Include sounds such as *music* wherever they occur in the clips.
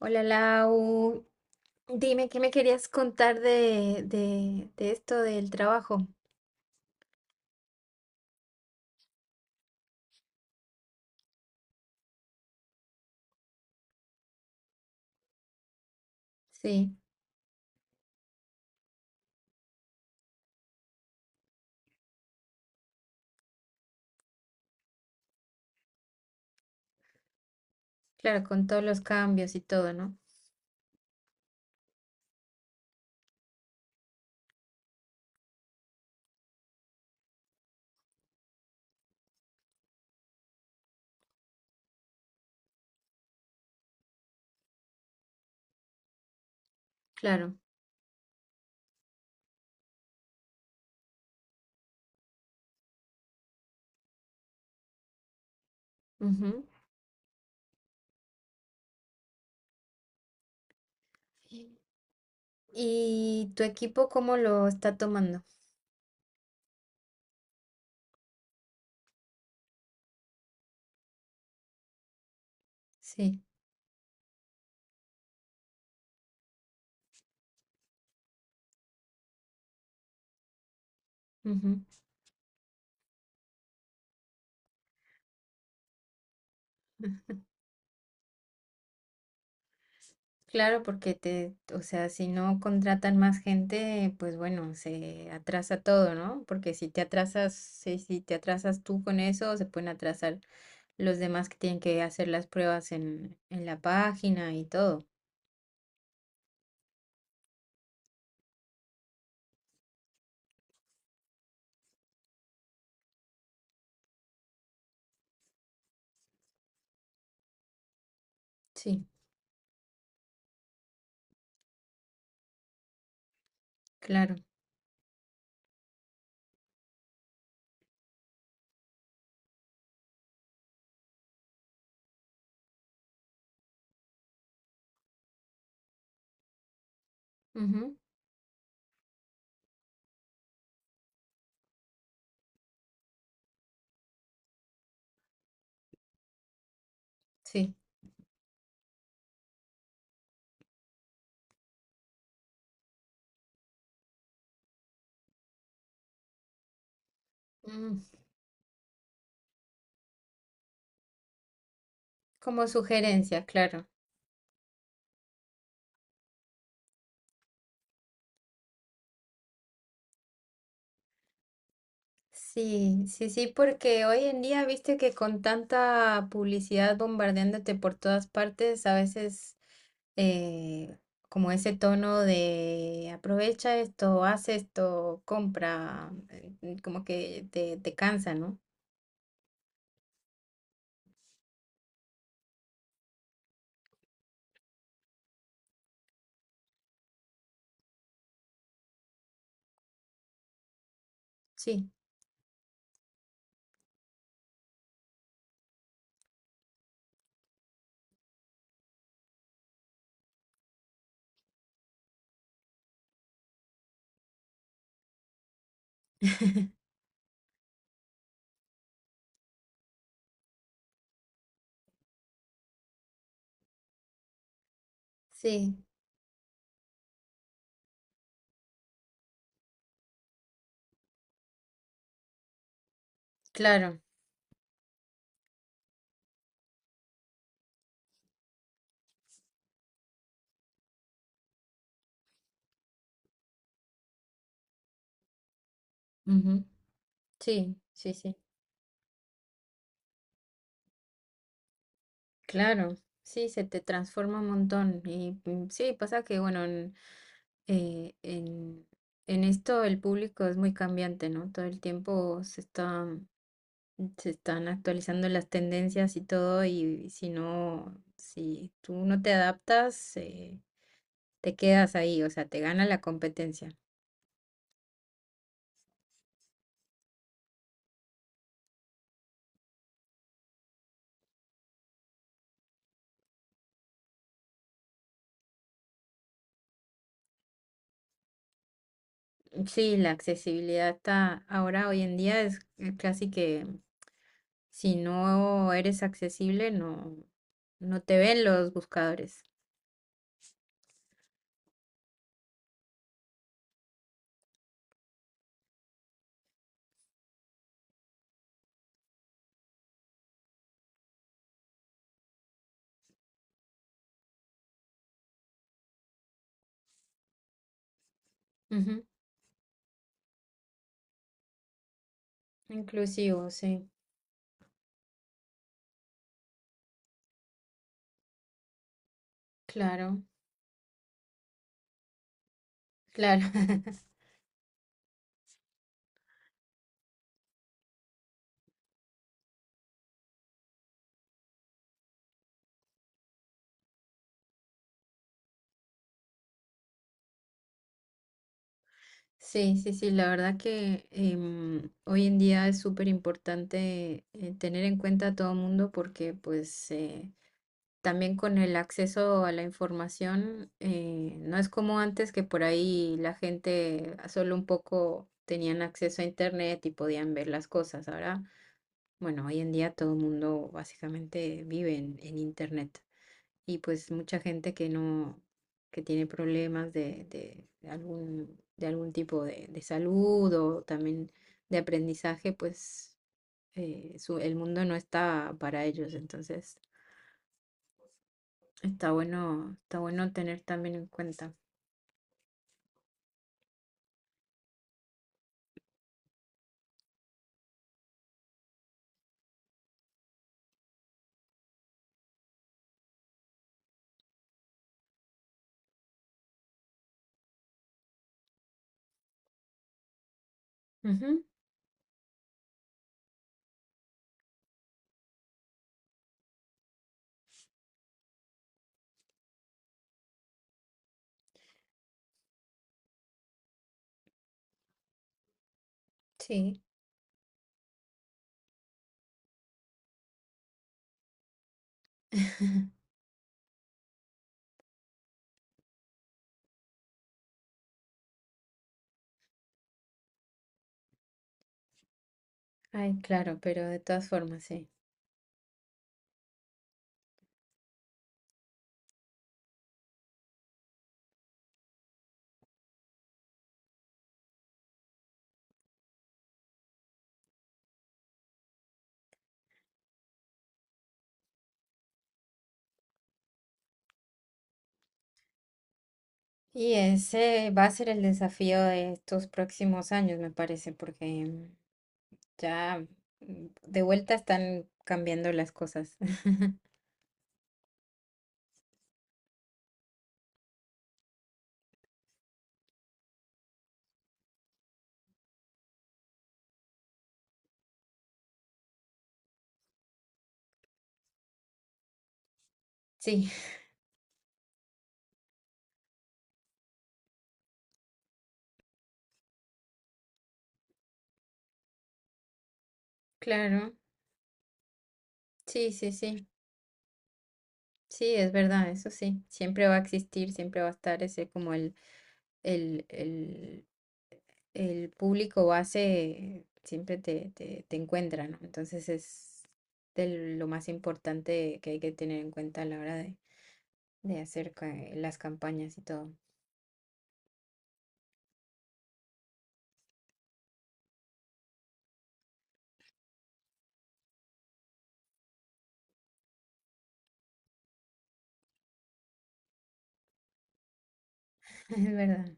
Hola Lau, dime qué me querías contar de esto del trabajo. Sí, claro, con todos los cambios y todo, ¿no? Claro. Ujú. ¿Y tu equipo cómo lo está tomando? Sí. Ujú. Ah, claro, porque te, o sea, si no contratan más gente, pues bueno, se atrasa todo, ¿no? Porque si te atrasas, si te atrasas tú con eso, se pueden atrasar los demás que tienen que hacer las pruebas en la página y todo. Sí, claro. Ujú, sí. Mm, como sugerencia, claro. Sí, sí, sí, porque hoy en día, viste que con tanta publicidad bombardeándote por todas partes, a veces eh, como ese tono de aprovecha esto, haz esto, compra, como que te cansa, ¿no? Sí, *laughs* sí, claro. Ujú, sí, sí, sí. Claro, sí, se te transforma un montón. Y sí, pasa que, bueno, eh, en, en esto el público es muy cambiante, ¿no? Todo el tiempo se está, se están actualizando las tendencias y todo, y si no, si tú no te adaptas, te quedas ahí, o sea, te gana la competencia. Sí, la accesibilidad está ahora, hoy en día, es casi que si no eres accesible, no, no te ven los buscadores. Inclusivo, sí, claro, claro. *laughs* Sí, sí, sí, la verdad que hoy en día es súper importante tener en cuenta a todo el mundo porque pues también con el acceso a la información no es como antes que por ahí la gente a solo un poco tenían acceso a internet y podían ver las cosas. Ahora, bueno, hoy en día todo el mundo básicamente vive en internet. Y pues mucha gente que no, que tiene problemas de algún, de algún tipo de salud o también de aprendizaje, pues el mundo no está para ellos. Entonces está bueno tener también en cuenta. Ujú, sí. *laughs* Ay, claro, pero de todas formas, sí. Y ese va a ser el desafío de estos próximos años, me parece, porque ya de vuelta están cambiando las cosas. *laughs* Sí, claro. Sí, sí, sí. Sí, es verdad, eso sí. Siempre va a existir, siempre va a estar ese como el, el, el público base, siempre te encuentra, ¿no? Entonces es de lo más importante que hay que tener en cuenta a la hora de hacer las campañas y todo. *laughs* Es verdad.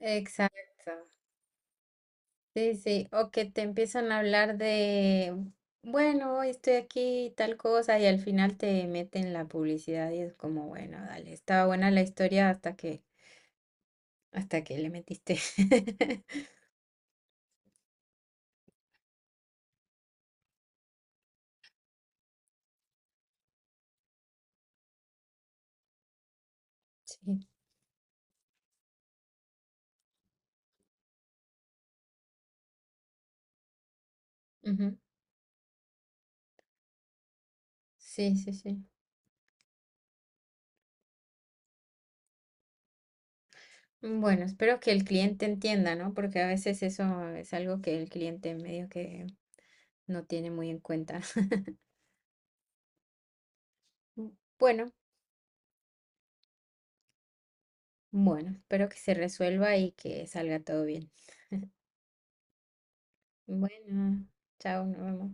Exacto. Sí, sí, o que te empiezan a hablar de, bueno, hoy estoy aquí, y tal cosa, y al final te meten la publicidad y es como, bueno, dale, estaba buena la historia hasta que le metiste. *laughs* Sí, ujú, sí, sí, sí. Bueno, espero que el cliente entienda, ¿no? Porque a veces eso es algo que el cliente medio que no tiene muy en cuenta. *laughs* Mm, bueno, bueno, espero que se resuelva y que salga todo bien. Bueno, chao, nos vemos.